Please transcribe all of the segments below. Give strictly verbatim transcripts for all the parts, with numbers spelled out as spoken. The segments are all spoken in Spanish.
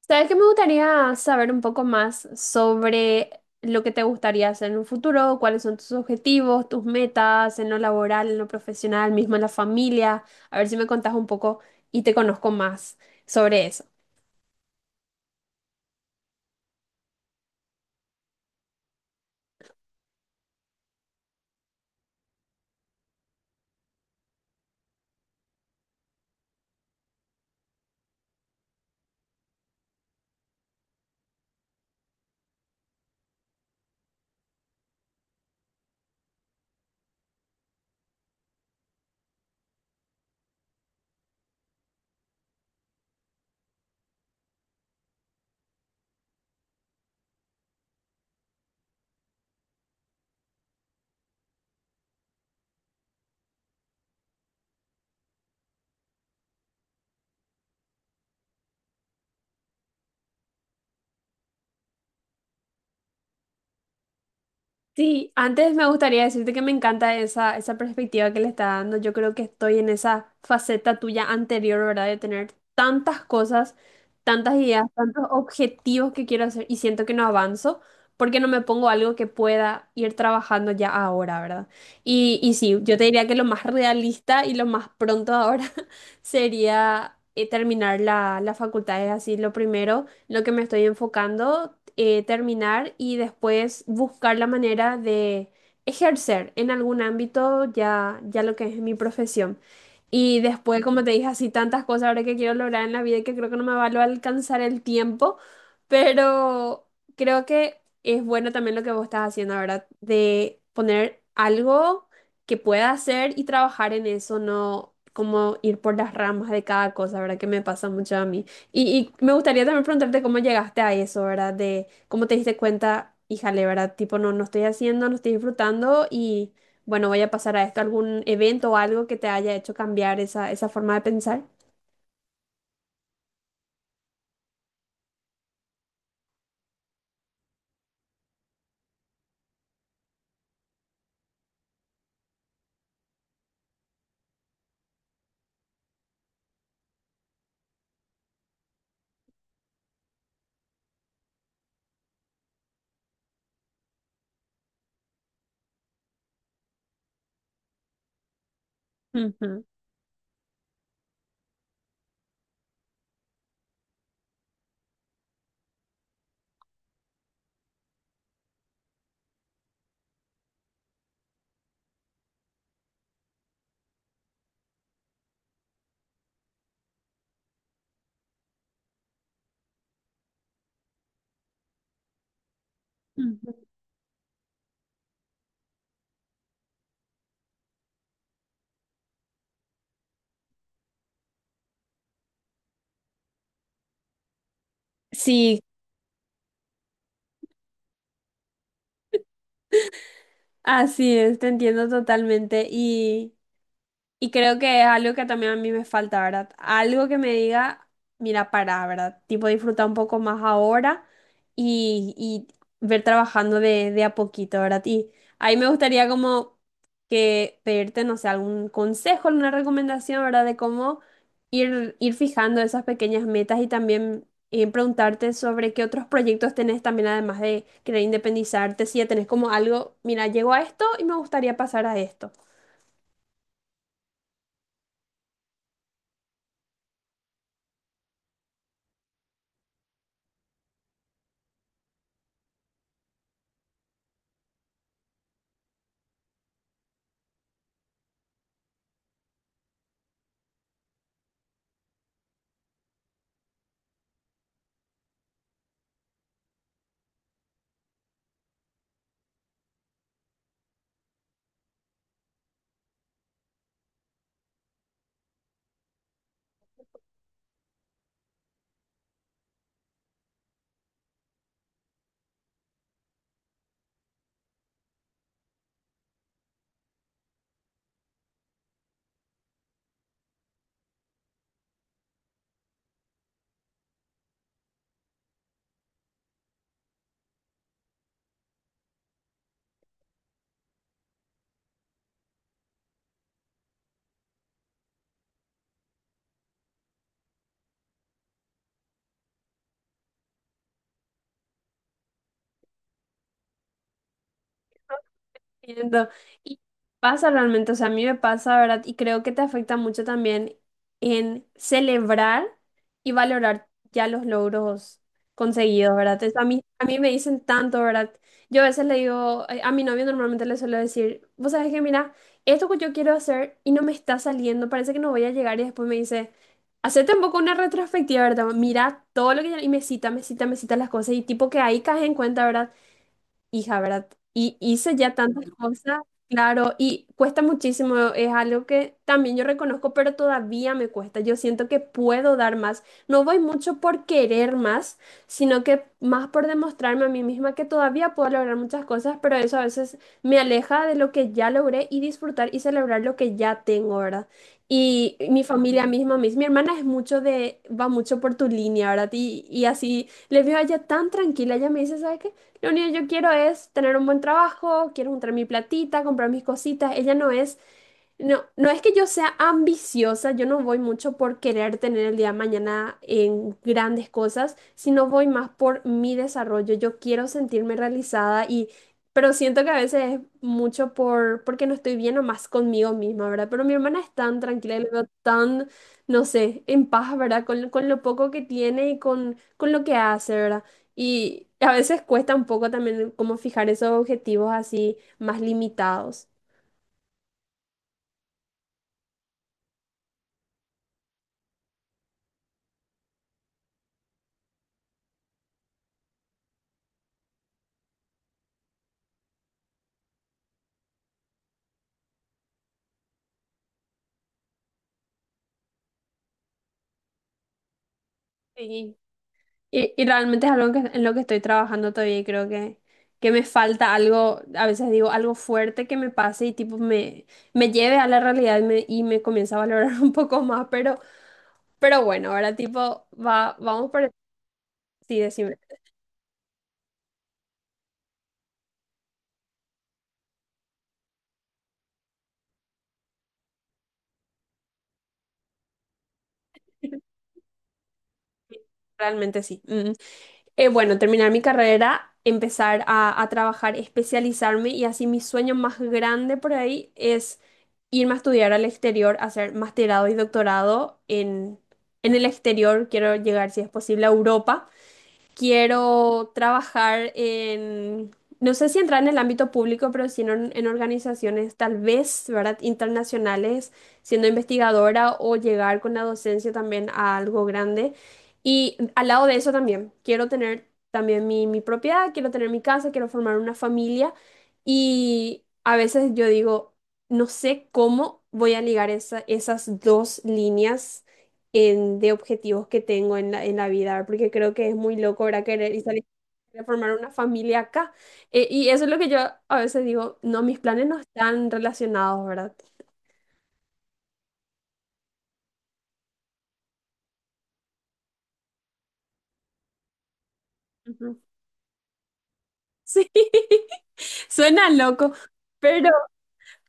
¿Sabes que me gustaría saber un poco más sobre lo que te gustaría hacer en un futuro? ¿Cuáles son tus objetivos, tus metas en lo laboral, en lo profesional, mismo en la familia? A ver si me contás un poco y te conozco más sobre eso. Sí, antes me gustaría decirte que me encanta esa, esa perspectiva que le está dando. Yo creo que estoy en esa faceta tuya anterior, ¿verdad? De tener tantas cosas, tantas ideas, tantos objetivos que quiero hacer y siento que no avanzo porque no me pongo algo que pueda ir trabajando ya ahora, ¿verdad? Y, y sí, yo te diría que lo más realista y lo más pronto ahora sería eh, terminar la, la facultad, es así, lo primero lo que me estoy enfocando, eh, terminar y después buscar la manera de ejercer en algún ámbito ya, ya lo que es mi profesión. Y después, como te dije, así tantas cosas ahora que quiero lograr en la vida y que creo que no me va a alcanzar el tiempo, pero creo que es bueno también lo que vos estás haciendo, ¿verdad? De poner algo que pueda hacer y trabajar en eso, no como ir por las ramas de cada cosa, ¿verdad? Que me pasa mucho a mí. Y, y me gustaría también preguntarte cómo llegaste a eso, ¿verdad? De cómo te diste cuenta, híjale, ¿verdad? Tipo, no, no estoy haciendo, no estoy disfrutando y bueno, voy a pasar a esto, algún evento o algo que te haya hecho cambiar esa, esa forma de pensar. Ujú, ujú. Sí, así es, te entiendo totalmente. Y Y creo que es algo que también a mí me falta, ¿verdad? Algo que me diga, mira, para, ¿verdad? Tipo, disfrutar un poco más ahora y, y ver trabajando de, de a poquito, ¿verdad? Y ahí me gustaría como que pedirte, no sé, algún consejo, alguna recomendación, ¿verdad? De cómo ir, ir fijando esas pequeñas metas y también eh, preguntarte sobre qué otros proyectos tenés también, además de querer independizarte, si ya tenés como algo, mira, llego a esto y me gustaría pasar a esto. Entiendo. Y pasa realmente, o sea, a mí me pasa, ¿verdad? Y creo que te afecta mucho también en celebrar y valorar ya los logros conseguidos, ¿verdad? Es- a mí, a mí me dicen tanto, ¿verdad? Yo a veces le digo, eh, a mi novio normalmente le suelo decir, vos sabés que, mira, esto que yo quiero hacer y no me está saliendo, parece que no voy a llegar y después me dice, hacete un poco una retrospectiva, ¿verdad? Mira todo lo que... ya-". Y me cita, me cita, me cita las cosas y tipo que ahí caes en cuenta, ¿verdad? Hija, ¿verdad? Y hice ya tantas cosas, claro, y cuesta muchísimo, es algo que también yo reconozco, pero todavía me cuesta. Yo siento que puedo dar más. No voy mucho por querer más, sino que más por demostrarme a mí misma que todavía puedo lograr muchas cosas, pero eso a veces me aleja de lo que ya logré y disfrutar y celebrar lo que ya tengo, ¿verdad? Y mi familia misma, mis, mi hermana es mucho de, va mucho por tu línea, ¿verdad? Y, y así, le veo a ella tan tranquila, ella me dice, ¿sabes qué? Lo único que yo quiero es tener un buen trabajo, quiero juntar mi platita, comprar mis cositas. Ella no es no, no es que yo sea ambiciosa, yo no voy mucho por querer tener el día de mañana en grandes cosas, sino voy más por mi desarrollo. Yo quiero sentirme realizada y, pero siento que a veces es mucho por, porque no estoy bien o más conmigo misma, ¿verdad? Pero mi hermana es tan tranquila y la veo tan, no sé, en paz, ¿verdad? Con, con lo poco que tiene y con, con lo que hace, ¿verdad? Y a veces cuesta un poco también como fijar esos objetivos así más limitados. Sí. Y, y realmente es algo que, en lo que estoy trabajando todavía y creo que, que me falta algo, a veces digo algo fuerte que me pase y tipo me, me lleve a la realidad y me, y me comienza a valorar un poco más, pero, pero bueno, ahora tipo va, vamos por el... Sí, decime, realmente sí. mm. eh, bueno, terminar mi carrera, empezar a, a trabajar, especializarme y así mi sueño más grande por ahí es irme a estudiar al exterior, hacer masterado y doctorado en, en el exterior. Quiero llegar, si es posible, a Europa. Quiero trabajar en, no sé si entrar en el ámbito público, pero sí en, or- en organizaciones tal vez, ¿verdad? Internacionales, siendo investigadora o llegar con la docencia también a algo grande. Y al lado de eso también, quiero tener también mi, mi propiedad, quiero tener mi casa, quiero formar una familia. Y a veces yo digo, no sé cómo voy a ligar esa- esas dos líneas en- de objetivos que tengo en la, en la vida, ¿verdad? Porque creo que es muy loco, ¿verdad? Querer y salir a formar una familia acá. Eh, y eso es lo que yo a veces digo, no, mis planes no están relacionados, ¿verdad? Ujú. Sí, suena loco, pero,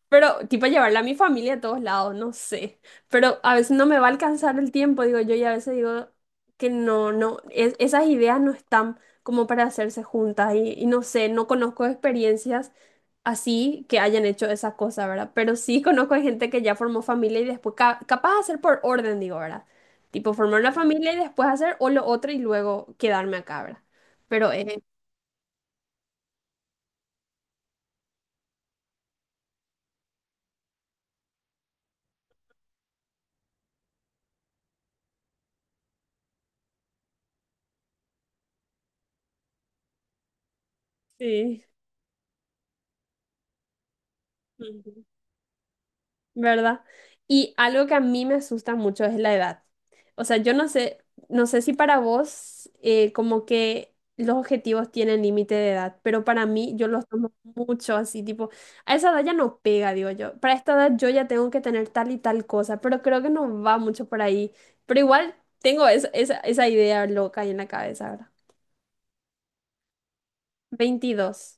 pero tipo llevarla a mi familia a todos lados, no sé, pero a veces no me va a alcanzar el tiempo, digo yo, y a veces digo que no, no, es- esas ideas no están como para hacerse juntas y, y no sé, no conozco experiencias así que hayan hecho esa cosa, ¿verdad? Pero sí conozco a gente que ya formó familia y después, ca- capaz de hacer por orden, digo, ¿verdad? Tipo, formar una familia y después hacer o lo otro y luego quedarme acá, ¿verdad? Pero, eh, sí. ¿Verdad? Y algo que a mí me asusta mucho es la edad. O sea, yo no sé, no sé si para vos eh, como que los objetivos tienen límite de edad, pero para mí yo los tomo mucho así, tipo, a esa edad ya no pega, digo yo. Para esta edad yo ya tengo que tener tal y tal cosa, pero creo que no va mucho por ahí. Pero igual tengo es- esa, esa idea loca ahí en la cabeza ahora. Veintidós.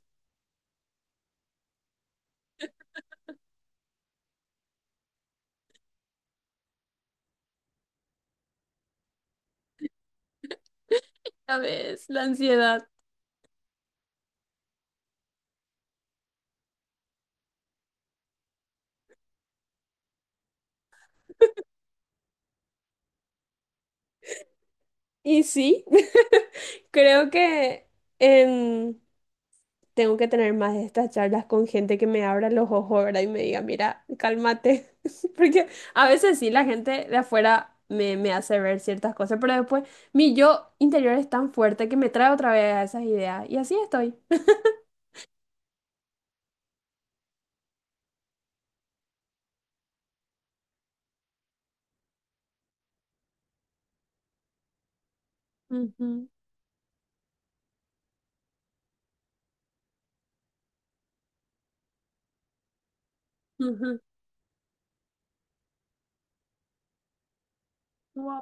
Ya ves, la ansiedad. Y sí, creo que... em, tengo que tener más de estas charlas con gente que me abra los ojos, ¿verdad? Y me diga, mira, cálmate. Porque a veces sí, la gente de afuera me, me hace ver ciertas cosas, pero después mi yo interior es tan fuerte que me trae otra vez a esas ideas. Y así estoy. Ujú, ujú. Wow.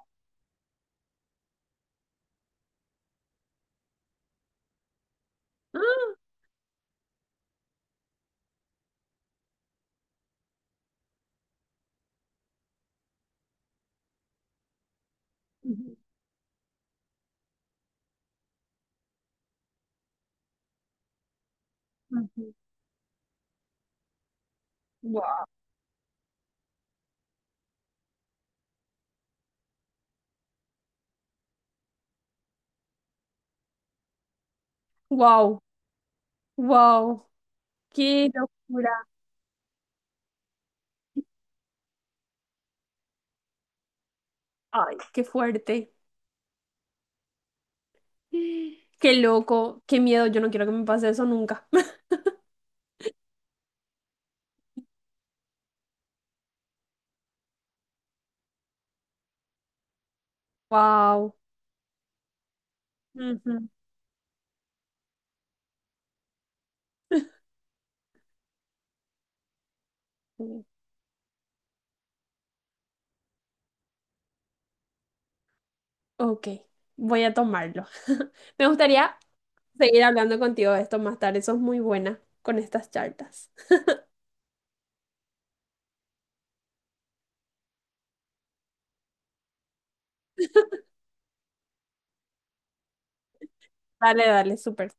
Ah, ujú, ujú. Wow. Wow. Wow. Qué locura. Ay, qué fuerte. Qué loco. Qué miedo. Yo no quiero que me pase eso nunca. Wow. Ok, voy a tomarlo. Me gustaría seguir hablando contigo de esto más tarde. Sos muy buena con estas charlas. Dale, dale, súper.